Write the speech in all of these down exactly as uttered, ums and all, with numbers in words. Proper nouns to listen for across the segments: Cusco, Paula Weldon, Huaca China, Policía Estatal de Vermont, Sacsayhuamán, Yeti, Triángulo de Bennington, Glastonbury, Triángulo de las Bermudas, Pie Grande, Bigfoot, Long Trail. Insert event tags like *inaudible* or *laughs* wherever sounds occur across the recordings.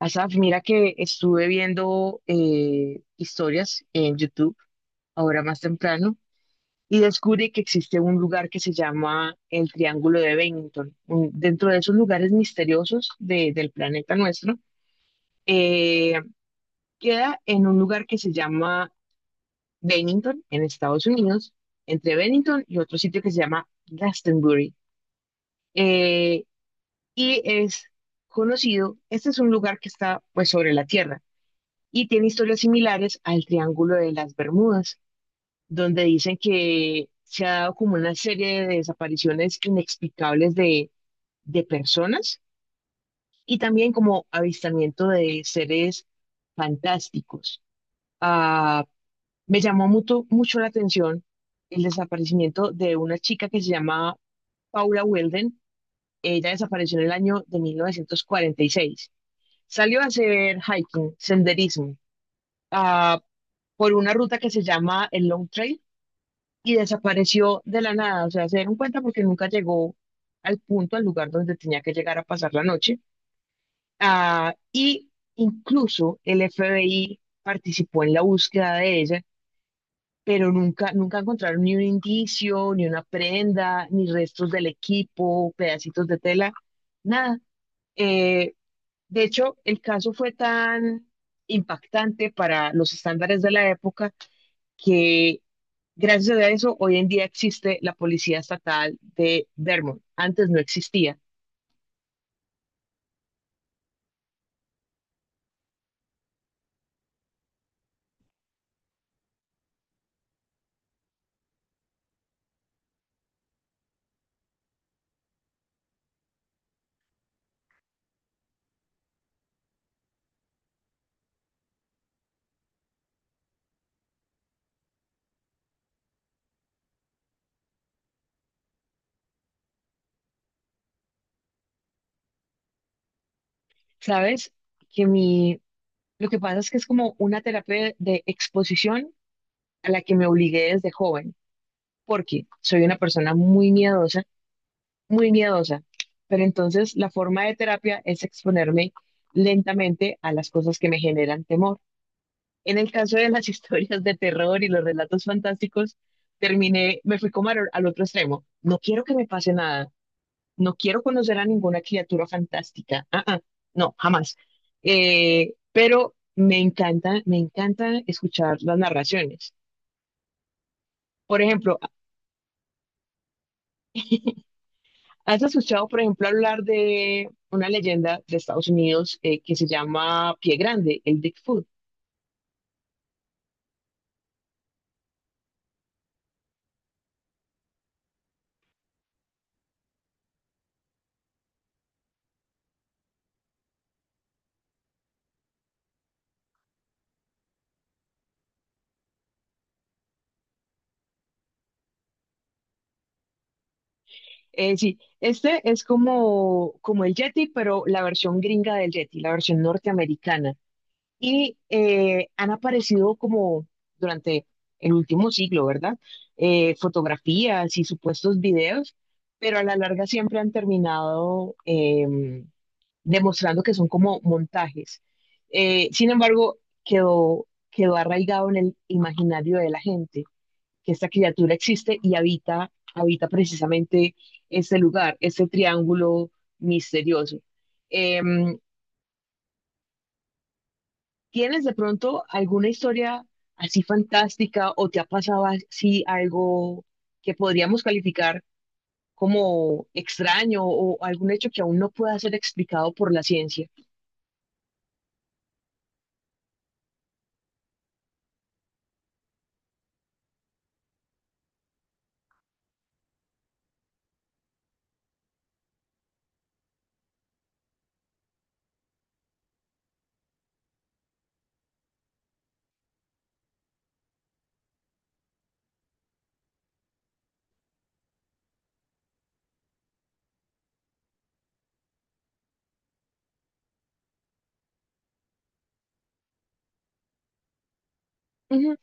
Asaf, mira que estuve viendo eh, historias en YouTube ahora más temprano y descubrí que existe un lugar que se llama el Triángulo de Bennington. Un- dentro de esos lugares misteriosos de- del planeta nuestro, eh, queda en un lugar que se llama Bennington, en Estados Unidos, entre Bennington y otro sitio que se llama Glastonbury. Eh, y es conocido, este es un lugar que está pues sobre la Tierra, y tiene historias similares al Triángulo de las Bermudas, donde dicen que se ha dado como una serie de desapariciones inexplicables de, de personas y también como avistamiento de seres fantásticos. Ah, Me llamó mucho, mucho la atención el desaparecimiento de una chica que se llama Paula Weldon. Ella desapareció en el año de mil novecientos cuarenta y seis. Salió a hacer hiking, senderismo. Ah, por una ruta que se llama el Long Trail y desapareció de la nada. O sea, se dieron cuenta porque nunca llegó al punto, al lugar donde tenía que llegar a pasar la noche. Ah, y incluso el F B I participó en la búsqueda de ella, pero nunca, nunca encontraron ni un indicio, ni una prenda, ni restos del equipo, pedacitos de tela, nada. Eh, de hecho, el caso fue tan impactante para los estándares de la época que gracias a eso hoy en día existe la Policía Estatal de Vermont. Antes no existía. ¿Sabes? Que mi, lo que pasa es que es como una terapia de exposición a la que me obligué desde joven, porque soy una persona muy miedosa, muy miedosa. Pero entonces la forma de terapia es exponerme lentamente a las cosas que me generan temor. En el caso de las *laughs* historias de terror y los relatos fantásticos, terminé, me fui como al, al otro extremo. No quiero que me pase nada, no quiero conocer a ninguna criatura fantástica. Ah, ah, no, jamás. Eh, pero me encanta, me encanta escuchar las narraciones. Por ejemplo, ¿has escuchado, por ejemplo, hablar de una leyenda de Estados Unidos eh, que se llama Pie Grande, el Bigfoot? Eh, sí, este es como, como el Yeti, pero la versión gringa del Yeti, la versión norteamericana. Y eh, han aparecido como durante el último siglo, ¿verdad? Eh, fotografías y supuestos videos, pero a la larga siempre han terminado em, demostrando que son como montajes. Eh, sin embargo, quedó, quedó arraigado en el imaginario de la gente, que esta criatura existe y habita, habita precisamente este lugar, este triángulo misterioso. Em, ¿Tienes de pronto alguna historia así fantástica o te ha pasado así algo que podríamos calificar como extraño o algún hecho que aún no pueda ser explicado por la ciencia? Ujú,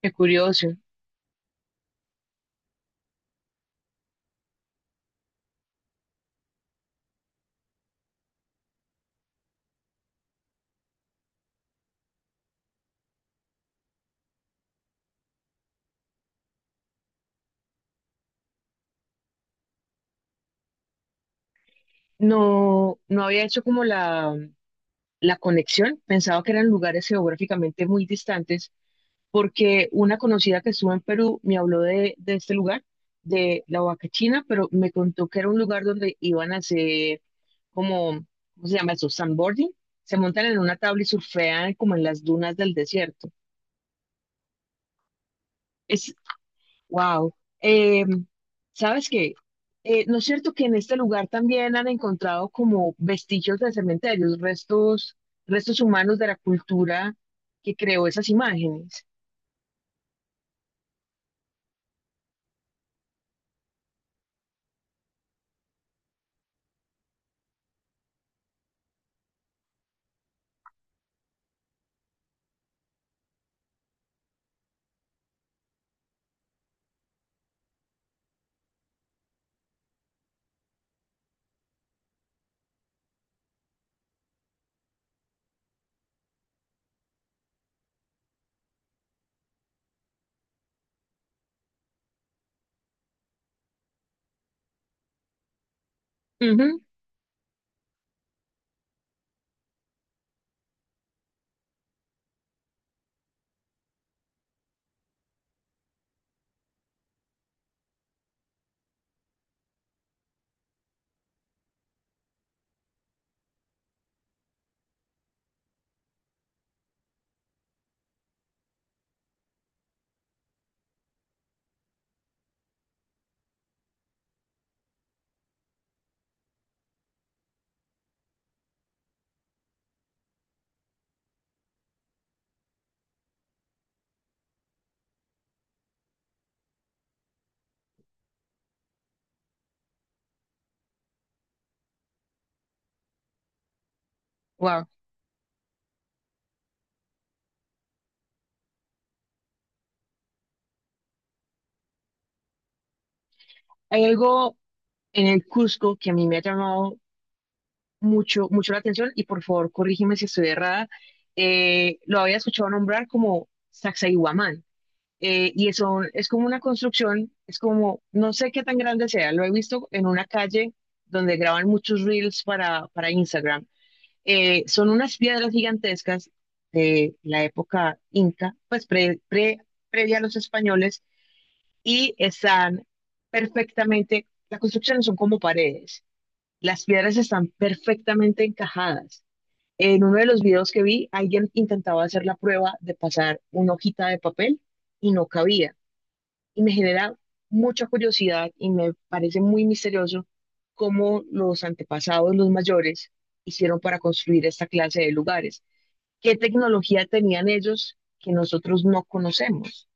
qué curioso. No, no había hecho como la, la conexión, pensaba que eran lugares geográficamente muy distantes, porque una conocida que estuvo en Perú me habló de, de este lugar, de la Huaca China, pero me contó que era un lugar donde iban a hacer como, ¿cómo se llama eso? Sandboarding. Se montan en una tabla y surfean como en las dunas del desierto. Es Wow. ¿Sabes qué? Eh, ¿no es cierto que en este lugar también han encontrado como vestigios de cementerios, restos, restos humanos de la cultura que creó esas imágenes? Wow. Hay algo en el Cusco que a mí me ha llamado mucho, mucho la atención, y por favor corrígeme si estoy errada. Eh, lo había escuchado nombrar como Sacsayhuamán. Eh, y eso es como una construcción, es como, no sé qué tan grande sea, lo he visto en una calle donde graban muchos reels para, para Instagram. Eh, son unas piedras gigantescas de la época inca, pues pre, pre- previa a los españoles, y están perfectamente, las construcciones son como paredes, las piedras están perfectamente encajadas. En uno de los videos que vi, alguien intentaba hacer la prueba de pasar una hojita de papel y no cabía, y me genera mucha curiosidad y me parece muy misterioso cómo los antepasados, los mayores, hicieron para construir esta clase de lugares. ¿Qué tecnología tenían ellos que nosotros no conocemos?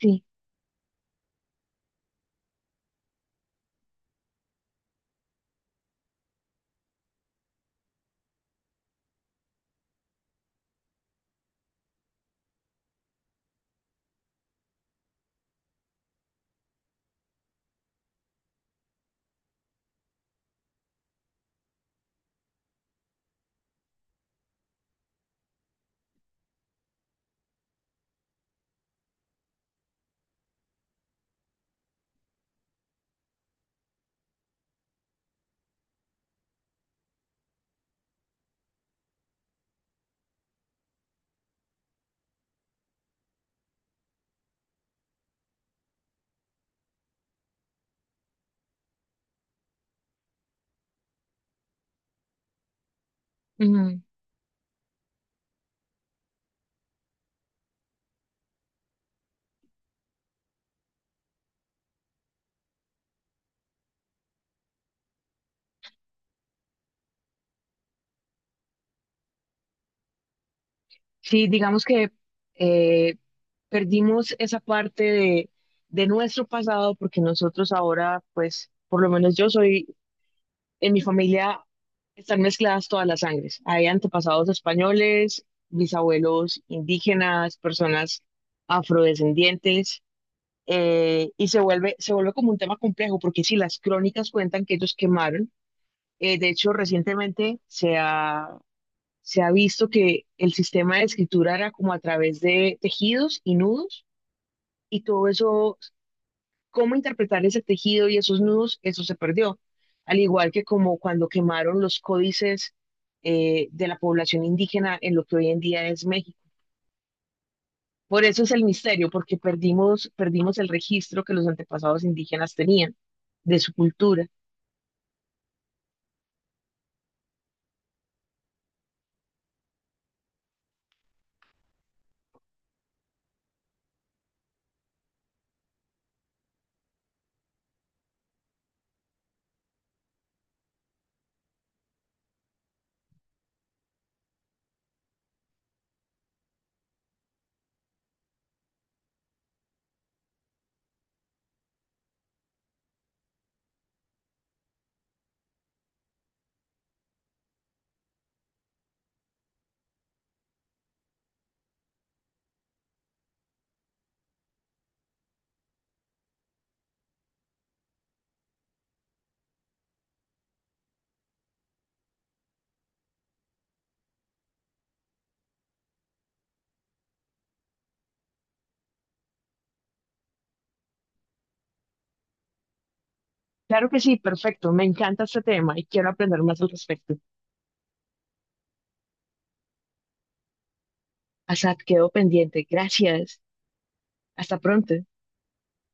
Sí. Ujú. Sí, digamos que eh, perdimos esa parte de, de nuestro pasado porque nosotros ahora, pues, por lo menos yo soy en mi familia, están mezcladas todas las sangres. Hay antepasados españoles, bisabuelos indígenas, personas afrodescendientes, eh, y se vuelve, se vuelve como un tema complejo, porque si las crónicas cuentan que ellos quemaron, eh, de hecho recientemente se ha, se ha visto que el sistema de escritura era como a través de tejidos y nudos, y todo eso cómo interpretar ese tejido y esos nudos, eso se perdió. Al igual que como cuando quemaron los códices eh, de la población indígena en lo que hoy en día es México. Por eso es el misterio, porque perdimos, perdimos el registro que los antepasados indígenas tenían de su cultura. Claro que sí, perfecto, me encanta este tema y quiero aprender más al respecto. Asad, quedo pendiente. Gracias. Hasta pronto.